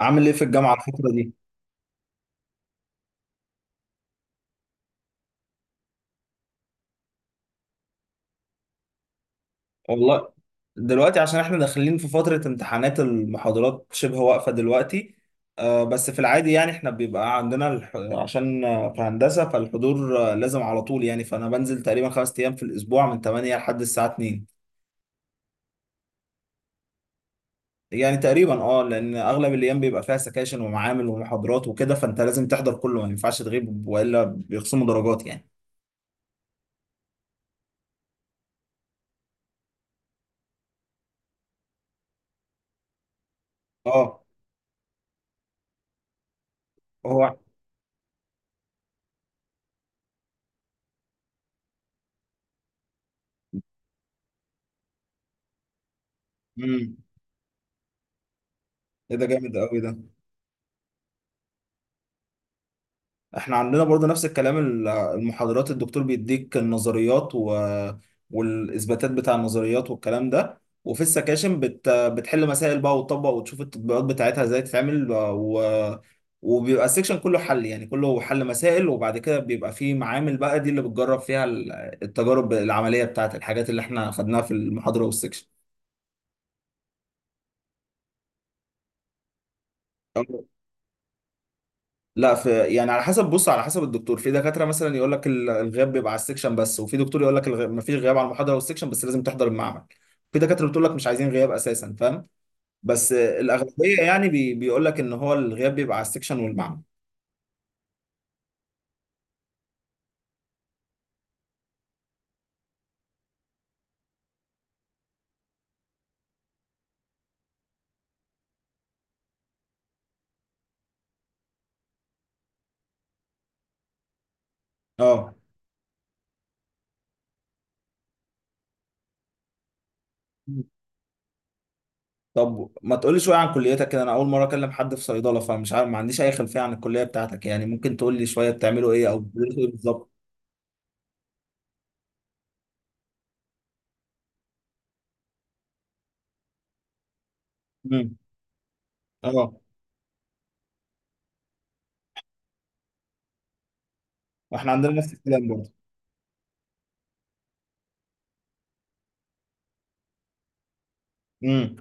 عامل ايه في الجامعة الفترة دي؟ والله دلوقتي عشان احنا داخلين في فترة امتحانات، المحاضرات شبه واقفة دلوقتي. آه، بس في العادي يعني احنا بيبقى عندنا الح... عشان آه، في هندسة، فالحضور لازم على طول يعني، فانا بنزل تقريبا خمس ايام في الاسبوع من 8 لحد الساعة 2. يعني تقريبا اه، لان اغلب الايام بيبقى فيها سكاشن ومعامل ومحاضرات وكده، فانت لازم تحضر كله، ما ينفعش تغيب والا بيخصموا درجات يعني. اه. هو. امم. ايه ده، جامد قوي ده. احنا عندنا برضو نفس الكلام، المحاضرات الدكتور بيديك النظريات والاثباتات بتاع النظريات والكلام ده، وفي السكاشن بتحل مسائل بقى وتطبق وتشوف التطبيقات بتاعتها ازاي تتعمل. وبيبقى السكشن كله حل، يعني كله حل مسائل، وبعد كده بيبقى فيه معامل بقى، دي اللي بتجرب فيها التجارب العملية بتاعت الحاجات اللي احنا خدناها في المحاضرة والسكشن. لا، في. يعني على حسب، بص على حسب الدكتور، في دكاتره مثلا يقول لك الغياب بيبقى على السكشن بس، وفي دكتور يقول لك ما فيش غياب على المحاضره والسكشن، بس لازم تحضر المعمل. في دكاتره بتقول لك مش عايزين غياب اساسا، فاهم؟ بس الاغلبيه يعني بيقول لك ان هو الغياب بيبقى على السكشن والمعمل. اه. طب ما تقولي شويه عن كليتك كده، انا اول مره اكلم حد في صيدله، فمش عارف، ما عنديش اي خلفيه عن الكليه بتاعتك، يعني ممكن تقول لي شويه بتعملوا ايه او بتدرسوا ايه بالظبط. امم. اه، واحنا عندنا نفس الكلام برضه. امم.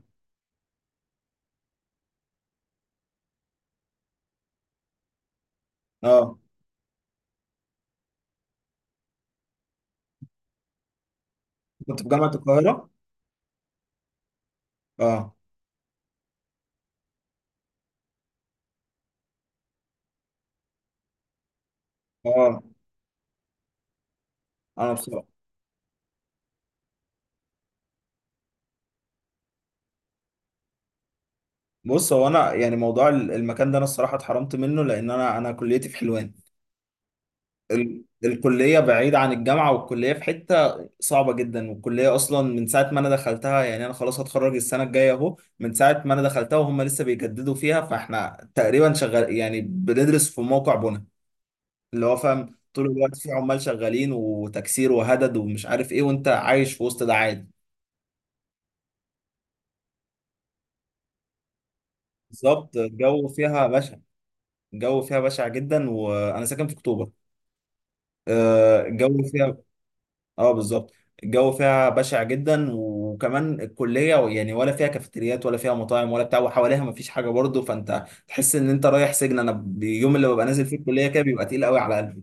اه، كنت في جامعه القاهره. اه اه. انا بصراحه، بص هو انا، يعني موضوع المكان ده انا الصراحه اتحرمت منه، لان انا كليتي في حلوان. الكليه بعيده عن الجامعه، والكليه في حته صعبه جدا، والكليه اصلا من ساعه ما انا دخلتها، يعني انا خلاص هتخرج السنه الجايه اهو، من ساعه ما انا دخلتها وهم لسه بيجددوا فيها، فاحنا تقريبا شغال، يعني بندرس في موقع بنا، اللي هو فاهم طول الوقت في عمال شغالين وتكسير وهدد ومش عارف ايه، وانت عايش في وسط ده عادي. بالظبط، الجو فيها بشع. الجو فيها بشع جدا، وانا ساكن في اكتوبر. الجو فيها، اه بالظبط. الجو فيها بشع جدا، وكمان الكليه يعني ولا فيها كافيتريات ولا فيها مطاعم ولا بتاع، وحواليها مفيش حاجه برضه، فانت تحس ان انت رايح سجن. انا اليوم اللي ببقى نازل فيه الكليه كده بيبقى تقيل قوي على قلبي.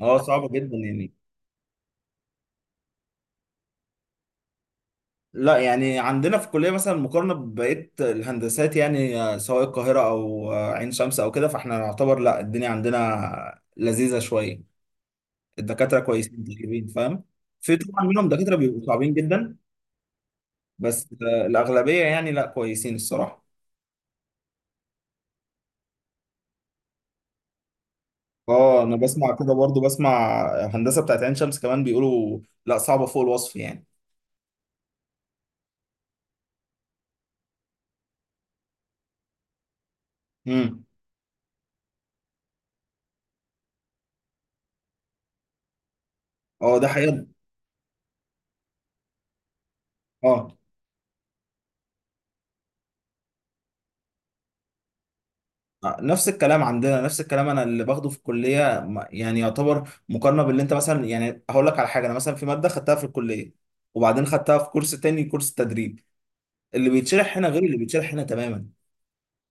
اه صعب جدا يعني. لا يعني عندنا في الكليه، مثلا مقارنه ببقيه الهندسات يعني سواء القاهره او عين شمس او كده، فاحنا نعتبر لا الدنيا عندنا لذيذه شويه، الدكاتره كويسين طيبين، فاهم؟ في طبعا منهم دكاتره بيبقوا صعبين جدا، بس الأغلبية يعني لا كويسين الصراحة. اه انا بسمع كده برضو، بسمع هندسة بتاعت عين شمس كمان بيقولوا لا صعبة فوق الوصف يعني. امم. اه ده حقيقة. اه نفس الكلام عندنا، نفس الكلام، انا اللي باخده في الكلية يعني يعتبر مقارنة باللي انت مثلا، يعني هقول لك على حاجة، انا مثلا في مادة خدتها في الكلية وبعدين خدتها في كورس تاني، كورس تدريب، اللي بيتشرح هنا غير اللي بيتشرح هنا تماما.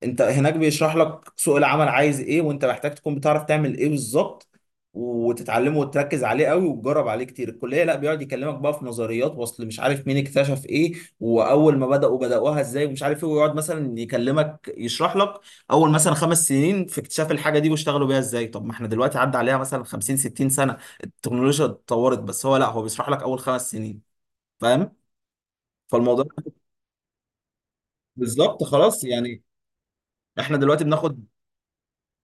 انت هناك بيشرح لك سوق العمل عايز ايه، وانت محتاج تكون بتعرف تعمل ايه بالظبط وتتعلمه وتركز عليه قوي وتجرب عليه كتير. الكليه لا، بيقعد يكلمك بقى في نظريات، واصل مش عارف مين اكتشف ايه، واول ما بداوها ازاي ومش عارف ايه، ويقعد مثلا يكلمك يشرح لك اول مثلا خمس سنين في اكتشاف الحاجه دي، واشتغلوا بيها ازاي. طب ما احنا دلوقتي عدى عليها مثلا 50 60 سنه، التكنولوجيا اتطورت، بس هو لا، هو بيشرح لك اول خمس سنين، فاهم؟ فالموضوع، بالظبط، خلاص يعني. احنا دلوقتي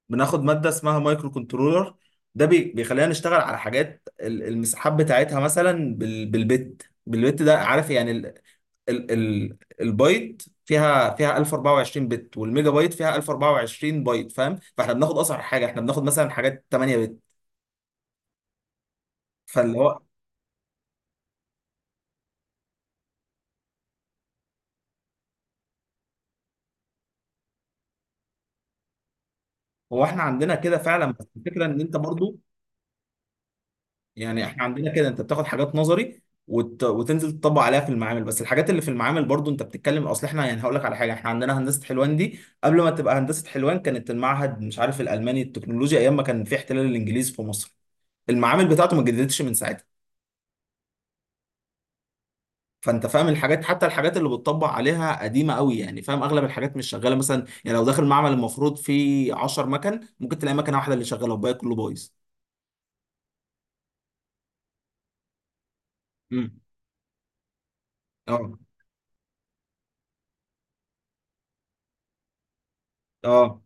بناخد ماده اسمها مايكرو كنترولر، ده بيخلينا نشتغل على حاجات المساحات بتاعتها، مثلا بالبت، بالبت ده عارف يعني ال البايت فيها 1024 بت، والميجا بايت فيها 1024 بايت، فاهم؟ فاحنا بناخد اصغر حاجه، احنا بناخد مثلا حاجات 8 بت، فاللي هو، هو احنا عندنا كده فعلا، بس الفكره ان انت برضو، يعني احنا عندنا كده، انت بتاخد حاجات نظري وتنزل تطبق عليها في المعامل، بس الحاجات اللي في المعامل برضو، انت بتتكلم، اصل احنا يعني هقول لك على حاجه، احنا عندنا هندسه حلوان دي قبل ما تبقى هندسه حلوان كانت المعهد مش عارف الالماني التكنولوجيا، ايام ما كان في احتلال الانجليز في مصر. المعامل بتاعته ما اتجددتش من ساعتها، فانت فاهم الحاجات، حتى الحاجات اللي بتطبق عليها قديمه قوي يعني، فاهم؟ اغلب الحاجات مش شغاله، مثلا يعني لو داخل معمل المفروض فيه 10 مكن، ممكن تلاقي مكنه واحده اللي شغاله والباقي كله بايظ. مم. اه. اه.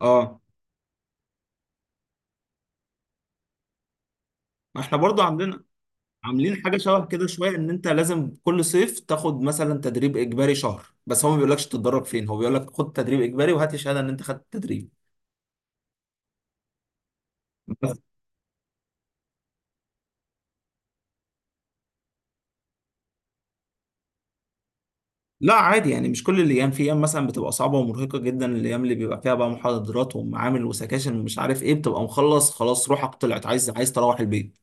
اه. ما احنا برضو عندنا عاملين حاجه شبه كده شويه، ان انت لازم كل صيف تاخد مثلا تدريب اجباري شهر، بس هو ما بيقولكش تتدرب فين، هو بيقول لك خد تدريب اجباري وهات لي شهاده ان انت خدت تدريب بس. لا عادي يعني، مش كل الايام، في ايام مثلا بتبقى صعبه ومرهقه جدا، الايام اللي بيبقى فيها بقى محاضرات ومعامل وسكاشن ومش عارف ايه، بتبقى مخلص خلاص روحك طلعت، عايز عايز تروح البيت.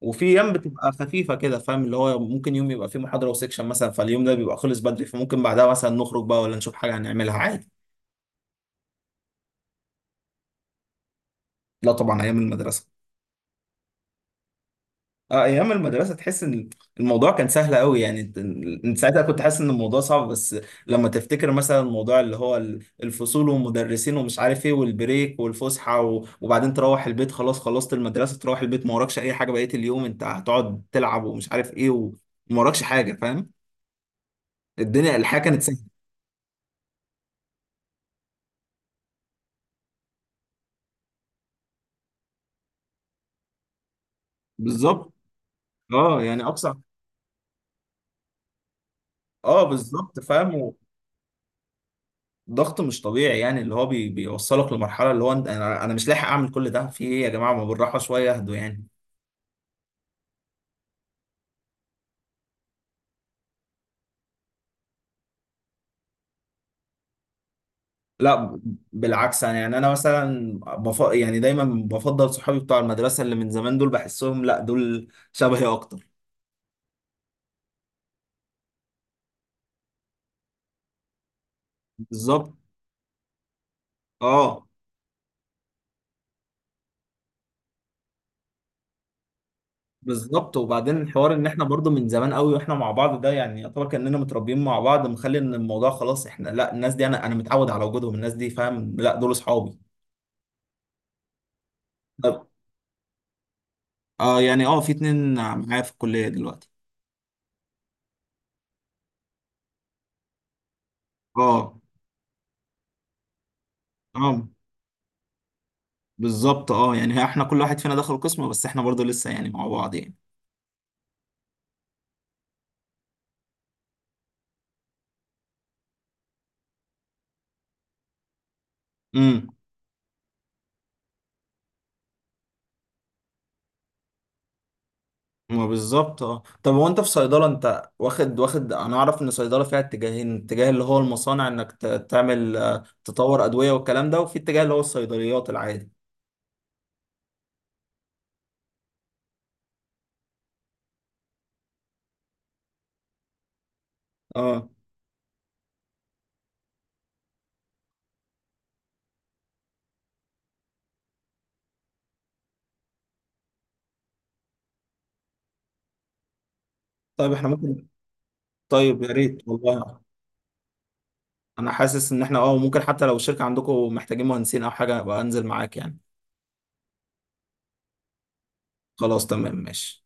وفي ايام بتبقى خفيفه كده، فاهم؟ اللي هو ممكن يوم يبقى فيه محاضره وسكشن مثلا، فاليوم ده بيبقى خلص بدري، فممكن بعدها مثلا نخرج بقى، ولا نشوف حاجه هنعملها عادي. لا طبعا ايام المدرسه. اه ايام المدرسه تحس ان الموضوع كان سهل قوي، يعني انت ساعتها كنت حاسس ان الموضوع صعب، بس لما تفتكر مثلا الموضوع اللي هو الفصول والمدرسين ومش عارف ايه، والبريك والفسحه وبعدين تروح البيت، خلاص خلصت المدرسه، تروح البيت ما وراكش اي حاجه، بقيه اليوم انت هتقعد تلعب ومش عارف ايه، وما وراكش حاجه، فاهم؟ الدنيا، الحياه كانت سهله. بالظبط. اه يعني اقصى، اه بالظبط، فاهم؟ ضغط مش طبيعي يعني، اللي هو بيوصلك لمرحله اللي هو انت، انا مش لاحق اعمل كل ده، في ايه يا جماعه، ما بالراحه شويه، اهدوا يعني. لا بالعكس، انا يعني انا مثلا يعني دايما بفضل صحابي بتوع المدرسه اللي من زمان، دول بحسهم لا، دول شبهي اكتر. بالظبط. اه بالظبط، وبعدين الحوار ان احنا برضو من زمان قوي واحنا مع بعض ده، يعني يعتبر كاننا متربيين مع بعض، مخلي ان الموضوع خلاص احنا لا، الناس دي انا متعود على وجودهم، الناس دي فاهم؟ لا دول اصحابي. طب. اه يعني اه، في اتنين معايا في الكليه دلوقتي. اه اه، بالظبط. اه يعني احنا كل واحد فينا دخل قسم، بس احنا برضو لسه يعني مع بعض يعني. امم. ما بالظبط. اه طب هو انت في صيدلة، انت واخد، واخد انا اعرف ان صيدلة فيها اتجاهين، اتجاه اللي هو المصانع انك تعمل تطور ادوية والكلام ده، وفي اتجاه اللي هو الصيدليات العادي. اه. طيب احنا ممكن. طيب يا ريت والله. انا حاسس ان احنا اه ممكن، حتى لو الشركة عندكم محتاجين مهندسين او حاجة، ابقى انزل معاك يعني. خلاص تمام ماشي.